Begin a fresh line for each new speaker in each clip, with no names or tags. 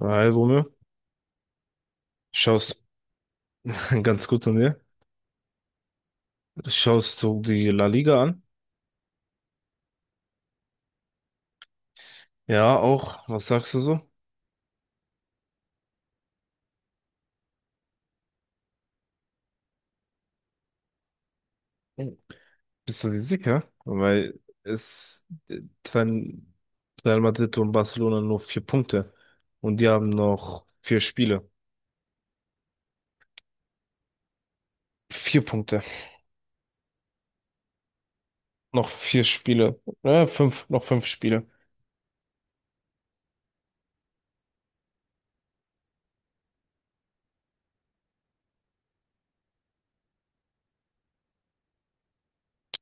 Also, ne? Schaust ganz gut an dir. Schaust du die La Liga an? Ja, auch. Was sagst du so? Bist du dir sicher? Weil es trennen Real Madrid und Barcelona nur 4 Punkte. Und die haben noch 4 Spiele. Vier Punkte. Noch vier Spiele. 5, noch 5 Spiele.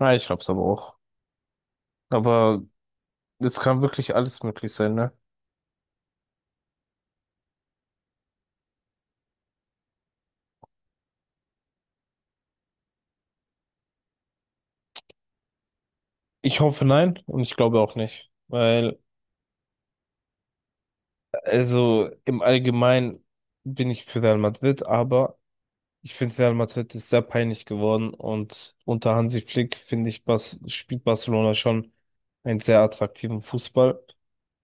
Ja, ich glaub's aber auch. Aber es kann wirklich alles möglich sein, ne? Ich hoffe nein und ich glaube auch nicht. Weil also im Allgemeinen bin ich für Real Madrid, aber ich finde Real Madrid ist sehr peinlich geworden und unter Hansi Flick finde ich, Bas spielt Barcelona schon einen sehr attraktiven Fußball.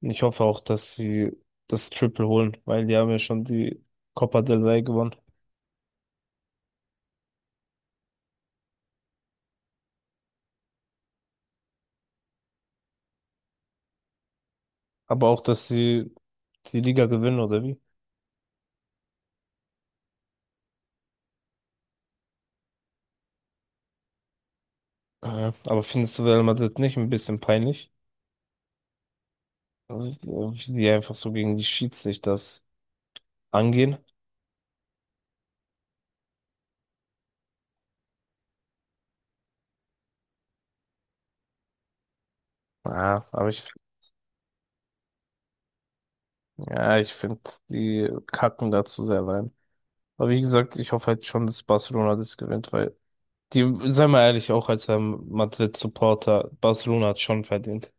Und ich hoffe auch, dass sie das Triple holen, weil die haben ja schon die Copa del Rey gewonnen. Aber auch, dass sie die Liga gewinnen, oder wie? Ja, aber findest du Real Madrid nicht ein bisschen peinlich? Also, wie die einfach so gegen die Schiedsrichter das angehen? Ja, aber ich, ja, ich finde, die kacken dazu sehr rein. Aber wie gesagt, ich hoffe halt schon, dass Barcelona das gewinnt, weil die, sei mal ehrlich, auch als Madrid-Supporter, Barcelona hat schon verdient.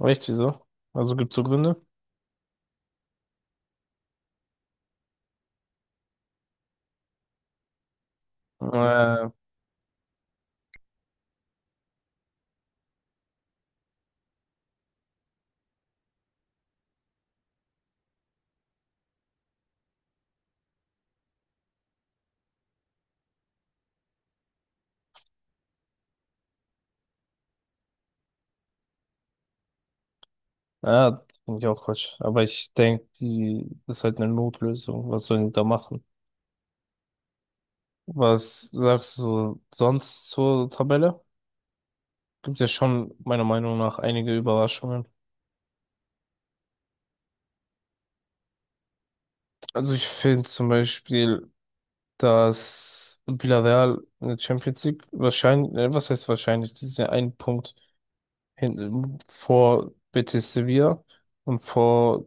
Echt, wieso? Also gibt's so Gründe? Äh, ja, finde ich auch Quatsch. Aber ich denke, die das ist halt eine Notlösung. Was sollen die da machen? Was sagst du sonst zur Tabelle? Gibt ja schon meiner Meinung nach einige Überraschungen. Also ich finde zum Beispiel, dass Villarreal in der Champions League wahrscheinlich, was heißt wahrscheinlich, die sind ja einen Punkt hinten vor Betis Sevilla und vor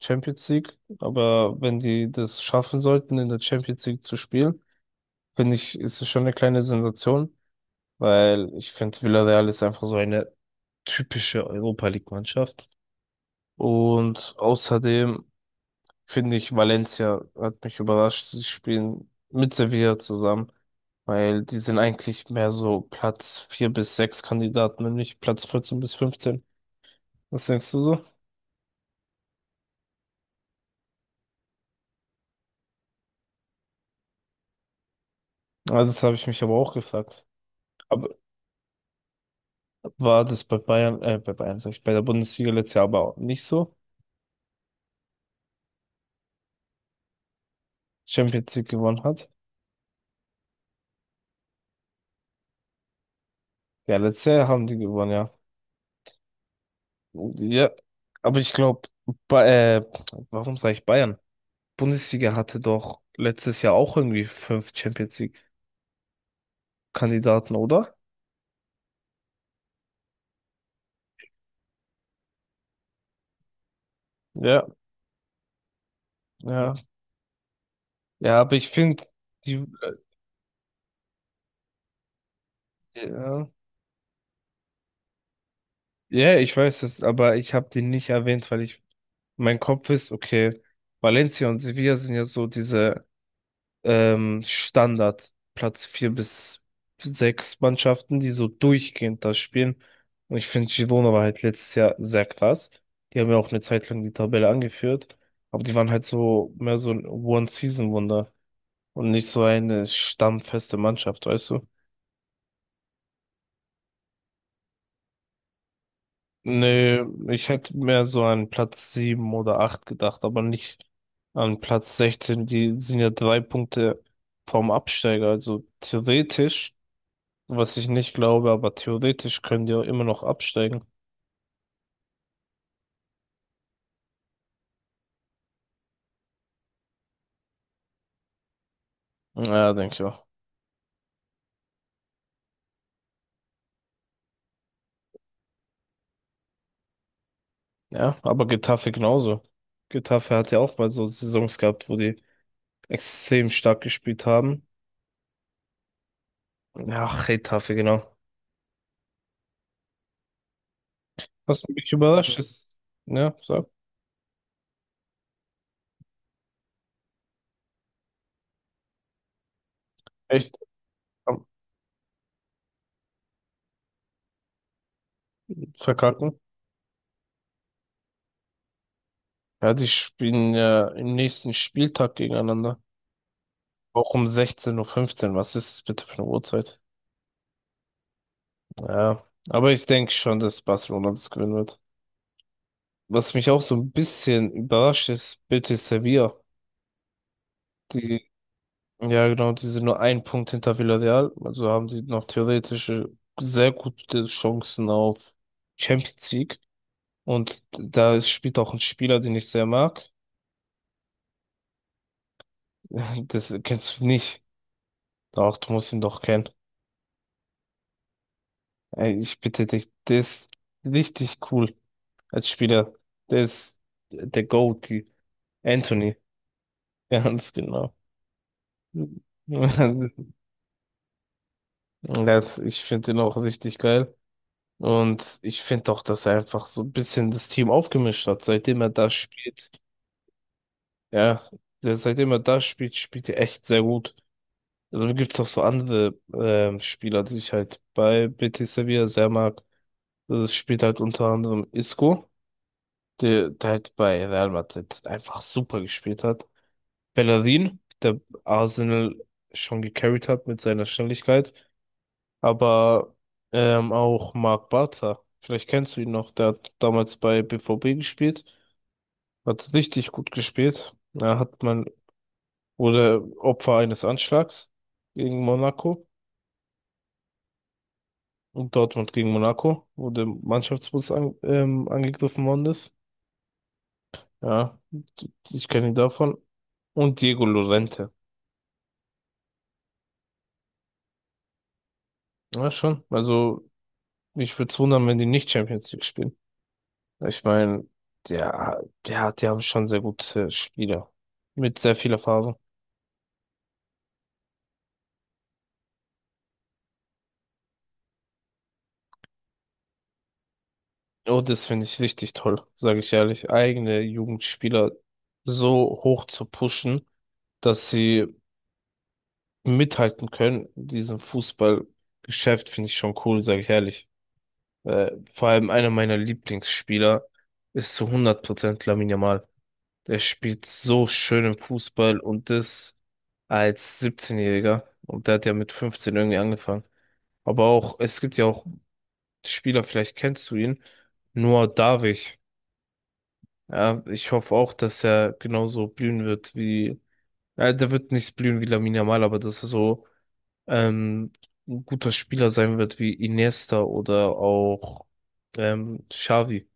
Champions League. Aber wenn die das schaffen sollten, in der Champions League zu spielen, finde ich, ist es schon eine kleine Sensation, weil ich finde, Villarreal ist einfach so eine typische Europa League Mannschaft. Und außerdem finde ich, Valencia hat mich überrascht. Sie spielen mit Sevilla zusammen, weil die sind eigentlich mehr so Platz 4 bis 6 Kandidaten, nämlich Platz 14 bis 15. Was denkst du so? Ah, das habe ich mich aber auch gefragt. Aber war das bei Bayern, sag ich, bei der Bundesliga letztes Jahr aber auch nicht so? Champions League gewonnen hat? Ja, letztes Jahr haben die gewonnen, ja. Ja, aber ich glaube, äh, warum sage ich Bayern? Bundesliga hatte doch letztes Jahr auch irgendwie 5 Champions Kandidaten, oder? Ja, ja. Ja, aber ich finde, die, ja, ja, ich weiß es, aber ich habe die nicht erwähnt, weil ich, mein Kopf ist, okay, Valencia und Sevilla sind ja so diese Standard Platz vier bis sechs Mannschaften, die so durchgehend das spielen. Und ich finde, Girona war halt letztes Jahr sehr krass. Die haben ja auch eine Zeit lang die Tabelle angeführt, aber die waren halt so mehr so ein One-Season-Wunder und nicht so eine stammfeste Mannschaft, weißt du? Nee, ich hätte mehr so an Platz 7 oder 8 gedacht, aber nicht an Platz 16. Die sind ja 3 Punkte vom Absteiger. Also theoretisch, was ich nicht glaube, aber theoretisch können die auch immer noch absteigen. Ja, denke ich auch. Ja, aber Getafe genauso. Getafe hat ja auch mal so Saisons gehabt, wo die extrem stark gespielt haben. Ja, Getafe, genau. Was mich überrascht ist, ja, sag. Echt am Verkacken. Ja, die spielen ja im nächsten Spieltag gegeneinander. Auch um 16:15 Uhr. 15. Was ist das bitte für eine Uhrzeit? Ja, aber ich denke schon, dass Barcelona das gewinnen wird. Was mich auch so ein bisschen überrascht ist, Betis Sevilla. Die, ja genau, die sind nur 1 Punkt hinter Villarreal. Also haben sie noch theoretische sehr gute Chancen auf Champions League. Und da ist- spielt auch ein Spieler, den ich sehr mag. Das kennst du nicht. Doch, du musst ihn doch kennen. Ey, ich bitte dich, der ist richtig cool als Spieler. Der ist der GOAT, die Anthony, ganz genau. Das, ich finde den auch richtig geil. Und ich finde auch, dass er einfach so ein bisschen das Team aufgemischt hat, seitdem er da spielt. Ja, der, seitdem er da spielt, spielt er echt sehr gut. Also gibt es auch so andere Spieler, die ich halt bei Betis Sevilla sehr mag. Das spielt halt unter anderem Isco, der, der halt bei Real Madrid einfach super gespielt hat. Bellerin, der Arsenal schon gecarried hat mit seiner Schnelligkeit, aber auch Marc Bartra. Vielleicht kennst du ihn noch, der hat damals bei BVB gespielt, hat richtig gut gespielt. Da hat man, wurde Opfer eines Anschlags gegen Monaco und Dortmund gegen Monaco, wo der Mannschaftsbus an, angegriffen worden ist. Ja, ich kenne ihn davon. Und Diego Llorente. Ja, schon. Also, mich würde es wundern, wenn die nicht Champions League spielen. Ich meine, die haben schon sehr gute Spieler. Mit sehr viel Erfahrung. Oh, das finde ich richtig toll, sage ich ehrlich. Eigene Jugendspieler so hoch zu pushen, dass sie mithalten können. In diesem Fußballgeschäft finde ich schon cool, sage ich ehrlich. Vor allem einer meiner Lieblingsspieler ist zu 100% Lamine Yamal. Der spielt so schön im Fußball und das als 17-Jähriger. Und der hat ja mit 15 irgendwie angefangen. Aber auch, es gibt ja auch Spieler, vielleicht kennst du ihn, Noah Davich. Ja, ich hoffe auch, dass er genauso blühen wird wie, ja, der wird nicht blühen wie Lamine Yamal, aber dass er so ähm, ein guter Spieler sein wird wie Iniesta oder auch Xavi.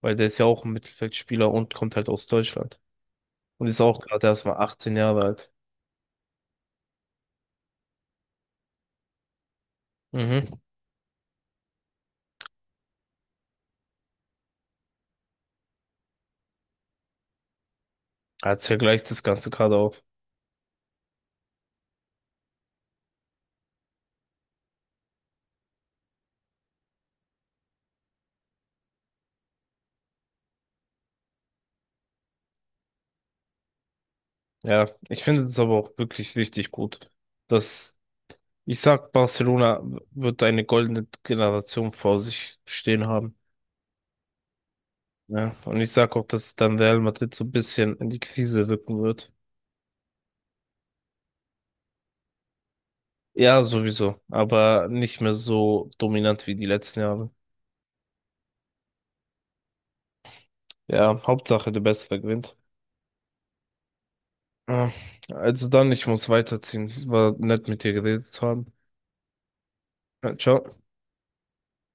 Weil der ist ja auch ein Mittelfeldspieler und kommt halt aus Deutschland. Und ist auch gerade erst mal 18 Jahre alt. Mhm. Jetzt vergleicht das Ganze gerade auf. Ja, ich finde es aber auch wirklich richtig gut, dass ich sag, Barcelona wird eine goldene Generation vor sich stehen haben. Ja, und ich sag auch, dass dann Real Madrid so ein bisschen in die Krise rücken wird. Ja, sowieso, aber nicht mehr so dominant wie die letzten Jahre. Ja, Hauptsache der Bessere gewinnt. Ja, also dann, ich muss weiterziehen. Es war nett mit dir geredet zu haben. Ja, Ciao.